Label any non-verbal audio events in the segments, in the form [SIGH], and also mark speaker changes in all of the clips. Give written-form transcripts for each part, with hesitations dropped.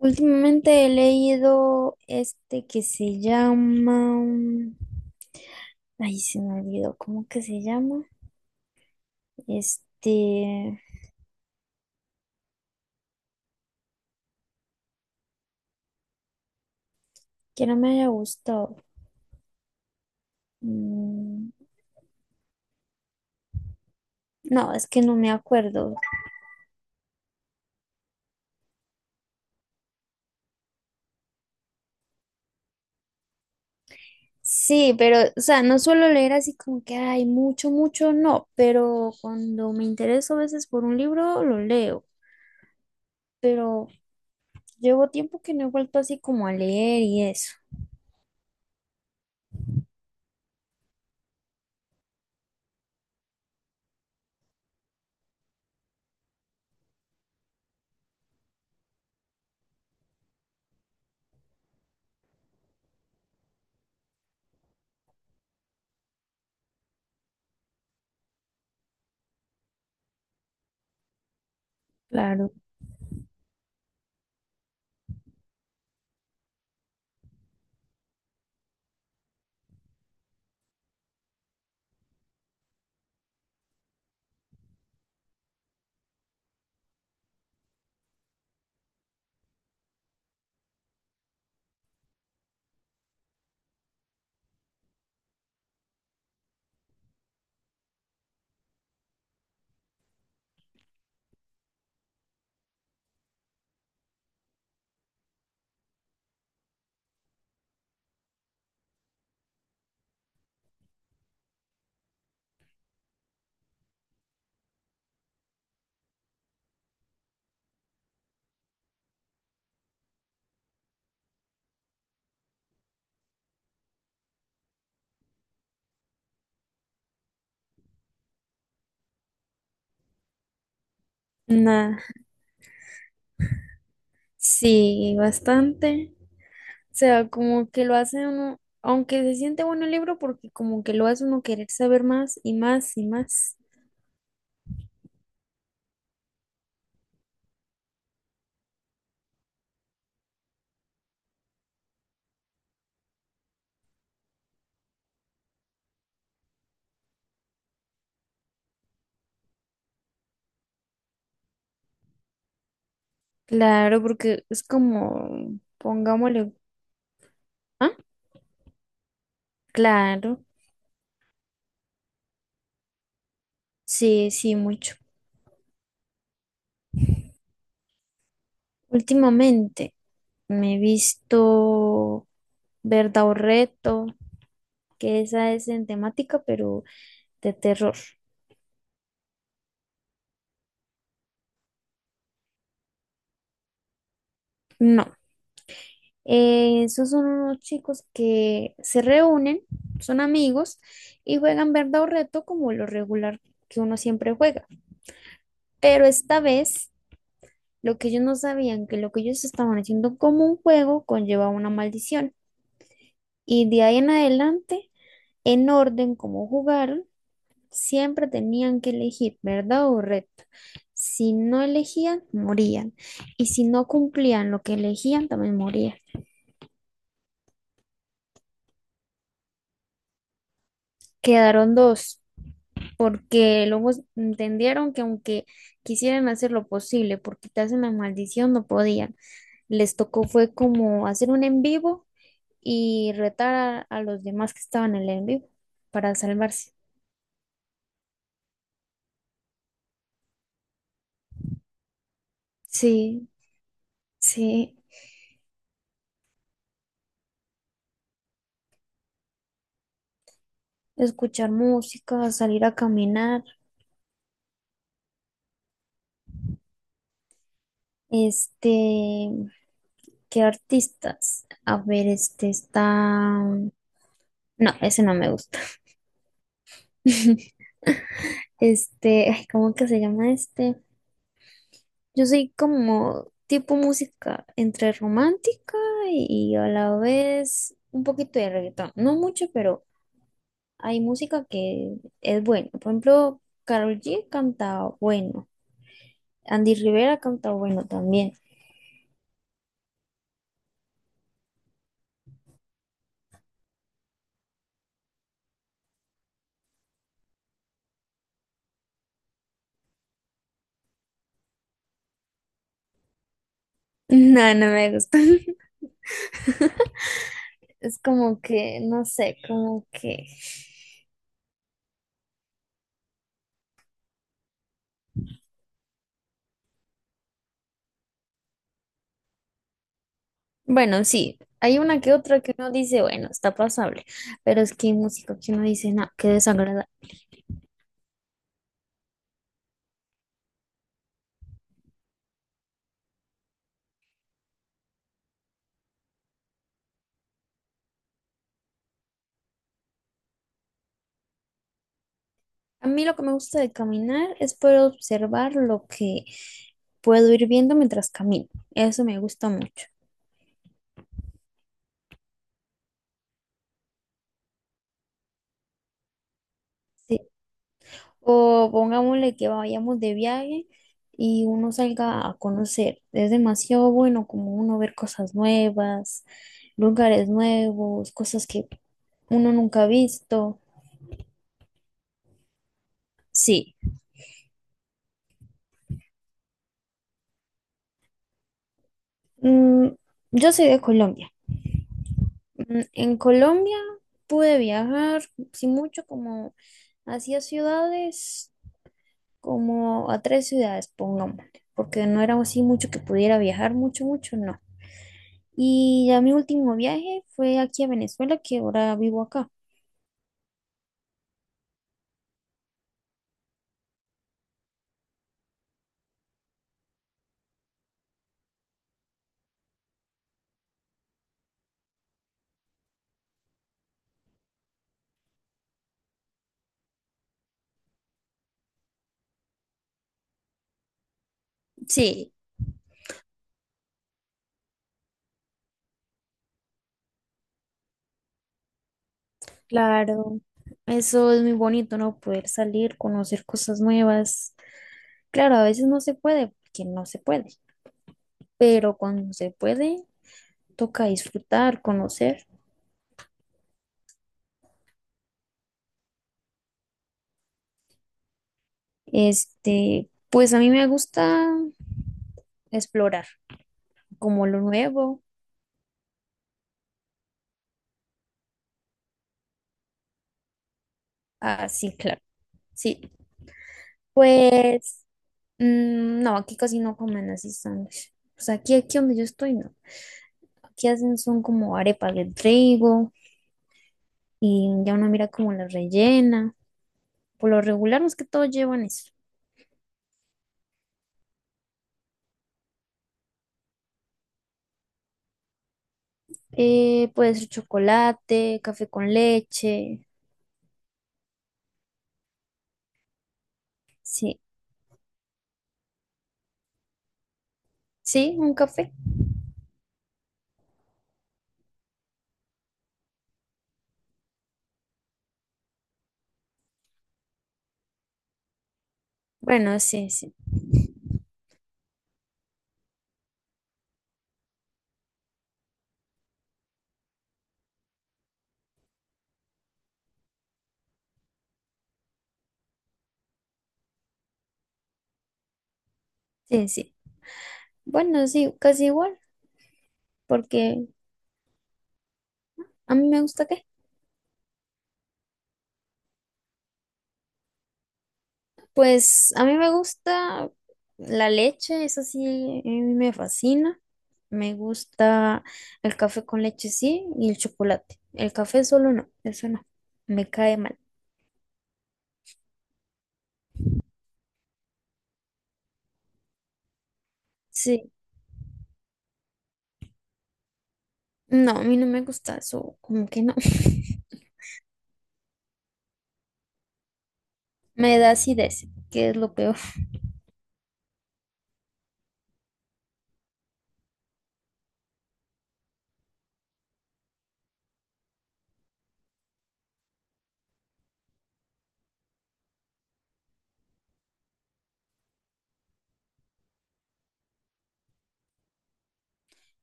Speaker 1: Últimamente he leído este que se llama. Ay, se me olvidó, ¿cómo que se llama? Este, que no me haya gustado. Mm, no, es que no me acuerdo. Sí, pero, o sea, no suelo leer así como que hay mucho, mucho, no, pero cuando me intereso a veces por un libro, lo leo, pero llevo tiempo que no he vuelto así como a leer y eso. Claro. Nah, sí, bastante. O sea, como que lo hace uno, aunque se siente bueno el libro, porque como que lo hace uno querer saber más y más y más. Claro, porque es como, pongámosle, ah, claro, sí, sí, mucho. Últimamente me he visto Verdad o Reto, que esa es en temática, pero de terror. No. Esos son unos chicos que se reúnen, son amigos y juegan verdad o reto como lo regular que uno siempre juega. Pero esta vez, lo que ellos no sabían, que lo que ellos estaban haciendo como un juego conllevaba una maldición. Y de ahí en adelante, en orden como jugaron, siempre tenían que elegir verdad o reto. Si no elegían, morían. Y si no cumplían lo que elegían, también morían. Quedaron dos, porque luego entendieron que aunque quisieran hacer lo posible por quitarse la maldición, no podían. Les tocó fue como hacer un en vivo y retar a los demás que estaban en el en vivo para salvarse. Sí, sí, escuchar música, salir a caminar, este, ¿qué artistas? A ver, este está. No, ese no me gusta. [LAUGHS] Ay, ¿cómo que se llama este? Yo soy como tipo música entre romántica y a la vez un poquito de reggaetón. No mucho, pero hay música que es buena. Por ejemplo, Karol G canta bueno. Andy Rivera canta bueno también. [LAUGHS] No, no me gusta. [LAUGHS] Es como que, no sé, como que. Bueno, sí, hay una que otra que uno dice, bueno, está pasable, pero es que hay música que uno dice, no, qué desagradable. A mí lo que me gusta de caminar es poder observar lo que puedo ir viendo mientras camino. Eso me gusta mucho. Sí. O pongámosle que vayamos de viaje y uno salga a conocer. Es demasiado bueno como uno ver cosas nuevas, lugares nuevos, cosas que uno nunca ha visto. Sí. Mm, yo soy de Colombia. En Colombia pude viajar, sin mucho, como hacia ciudades, como a tres ciudades, pongámosle, porque no era así mucho que pudiera viajar, mucho, mucho, no. Y ya mi último viaje fue aquí a Venezuela, que ahora vivo acá. Sí, claro, eso es muy bonito, ¿no? Poder salir, conocer cosas nuevas. Claro, a veces no se puede, porque no se puede, pero cuando se puede, toca disfrutar, conocer. Pues a mí me gusta explorar como lo nuevo. Así, claro. Sí. Pues, no, aquí casi no comen así sándwich. Pues aquí, aquí donde yo estoy, no. Aquí hacen son como arepas de trigo y ya uno mira como la rellena. Por lo regular, más que todo llevan eso. Puede ser chocolate, café con leche. Sí, sí, un café. Bueno, sí, sí, sí, sí. Bueno, sí, casi igual, porque a mí me gusta que pues a mí me gusta la leche, eso sí, a mí me fascina. Me gusta el café con leche, sí, y el chocolate. El café solo no, eso no, me cae mal. Sí, no, a mí no me gusta eso, como que no. [LAUGHS] Me da acidez, que es lo peor.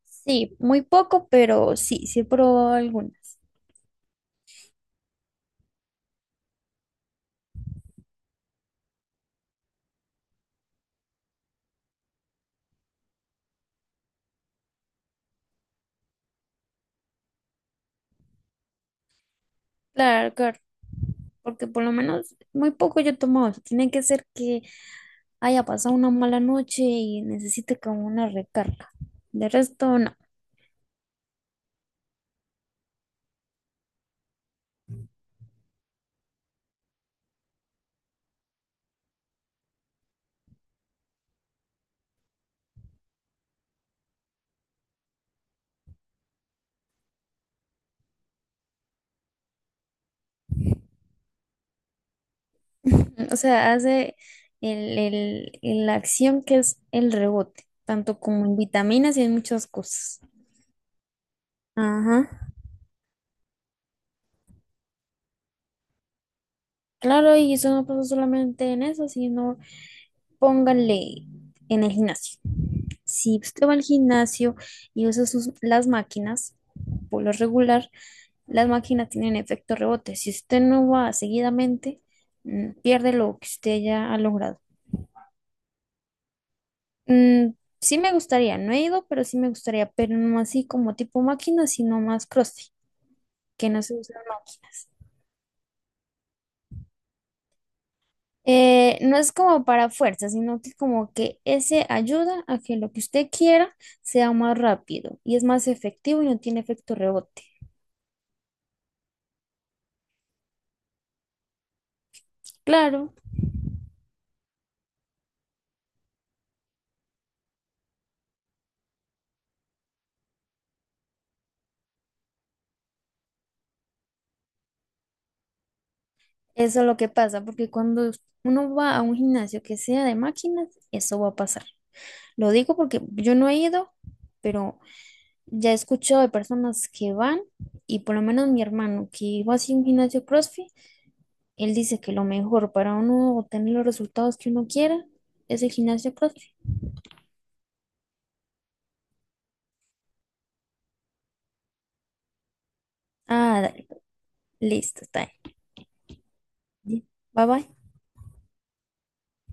Speaker 1: Sí, muy poco, pero sí, sí he probado algunas. Claro, claro, porque por lo menos muy poco yo he tomado. O sea, tiene que ser que haya pasado una mala noche y necesite como una recarga. De resto, no. [LAUGHS] O sea, hace la acción que es el rebote, tanto como en vitaminas y en muchas cosas. Ajá. Claro, y eso no pasa solamente en eso, sino póngale en el gimnasio. Si usted va al gimnasio y usa sus, las máquinas, por lo regular, las máquinas tienen efecto rebote. Si usted no va seguidamente, pierde lo que usted ya ha logrado. Mm, sí me gustaría, no he ido, pero sí me gustaría, pero no así como tipo máquina, sino más CrossFit, que no se usan máquinas. No es como para fuerza, sino que como que ese ayuda a que lo que usted quiera sea más rápido y es más efectivo y no tiene efecto rebote. Claro, eso es lo que pasa, porque cuando uno va a un gimnasio que sea de máquinas, eso va a pasar. Lo digo porque yo no he ido, pero ya he escuchado de personas que van y por lo menos mi hermano que iba así a un gimnasio CrossFit, él dice que lo mejor para uno obtener los resultados que uno quiera es el gimnasio CrossFit. Ah, dale, pues, listo, está bien. Bye bye.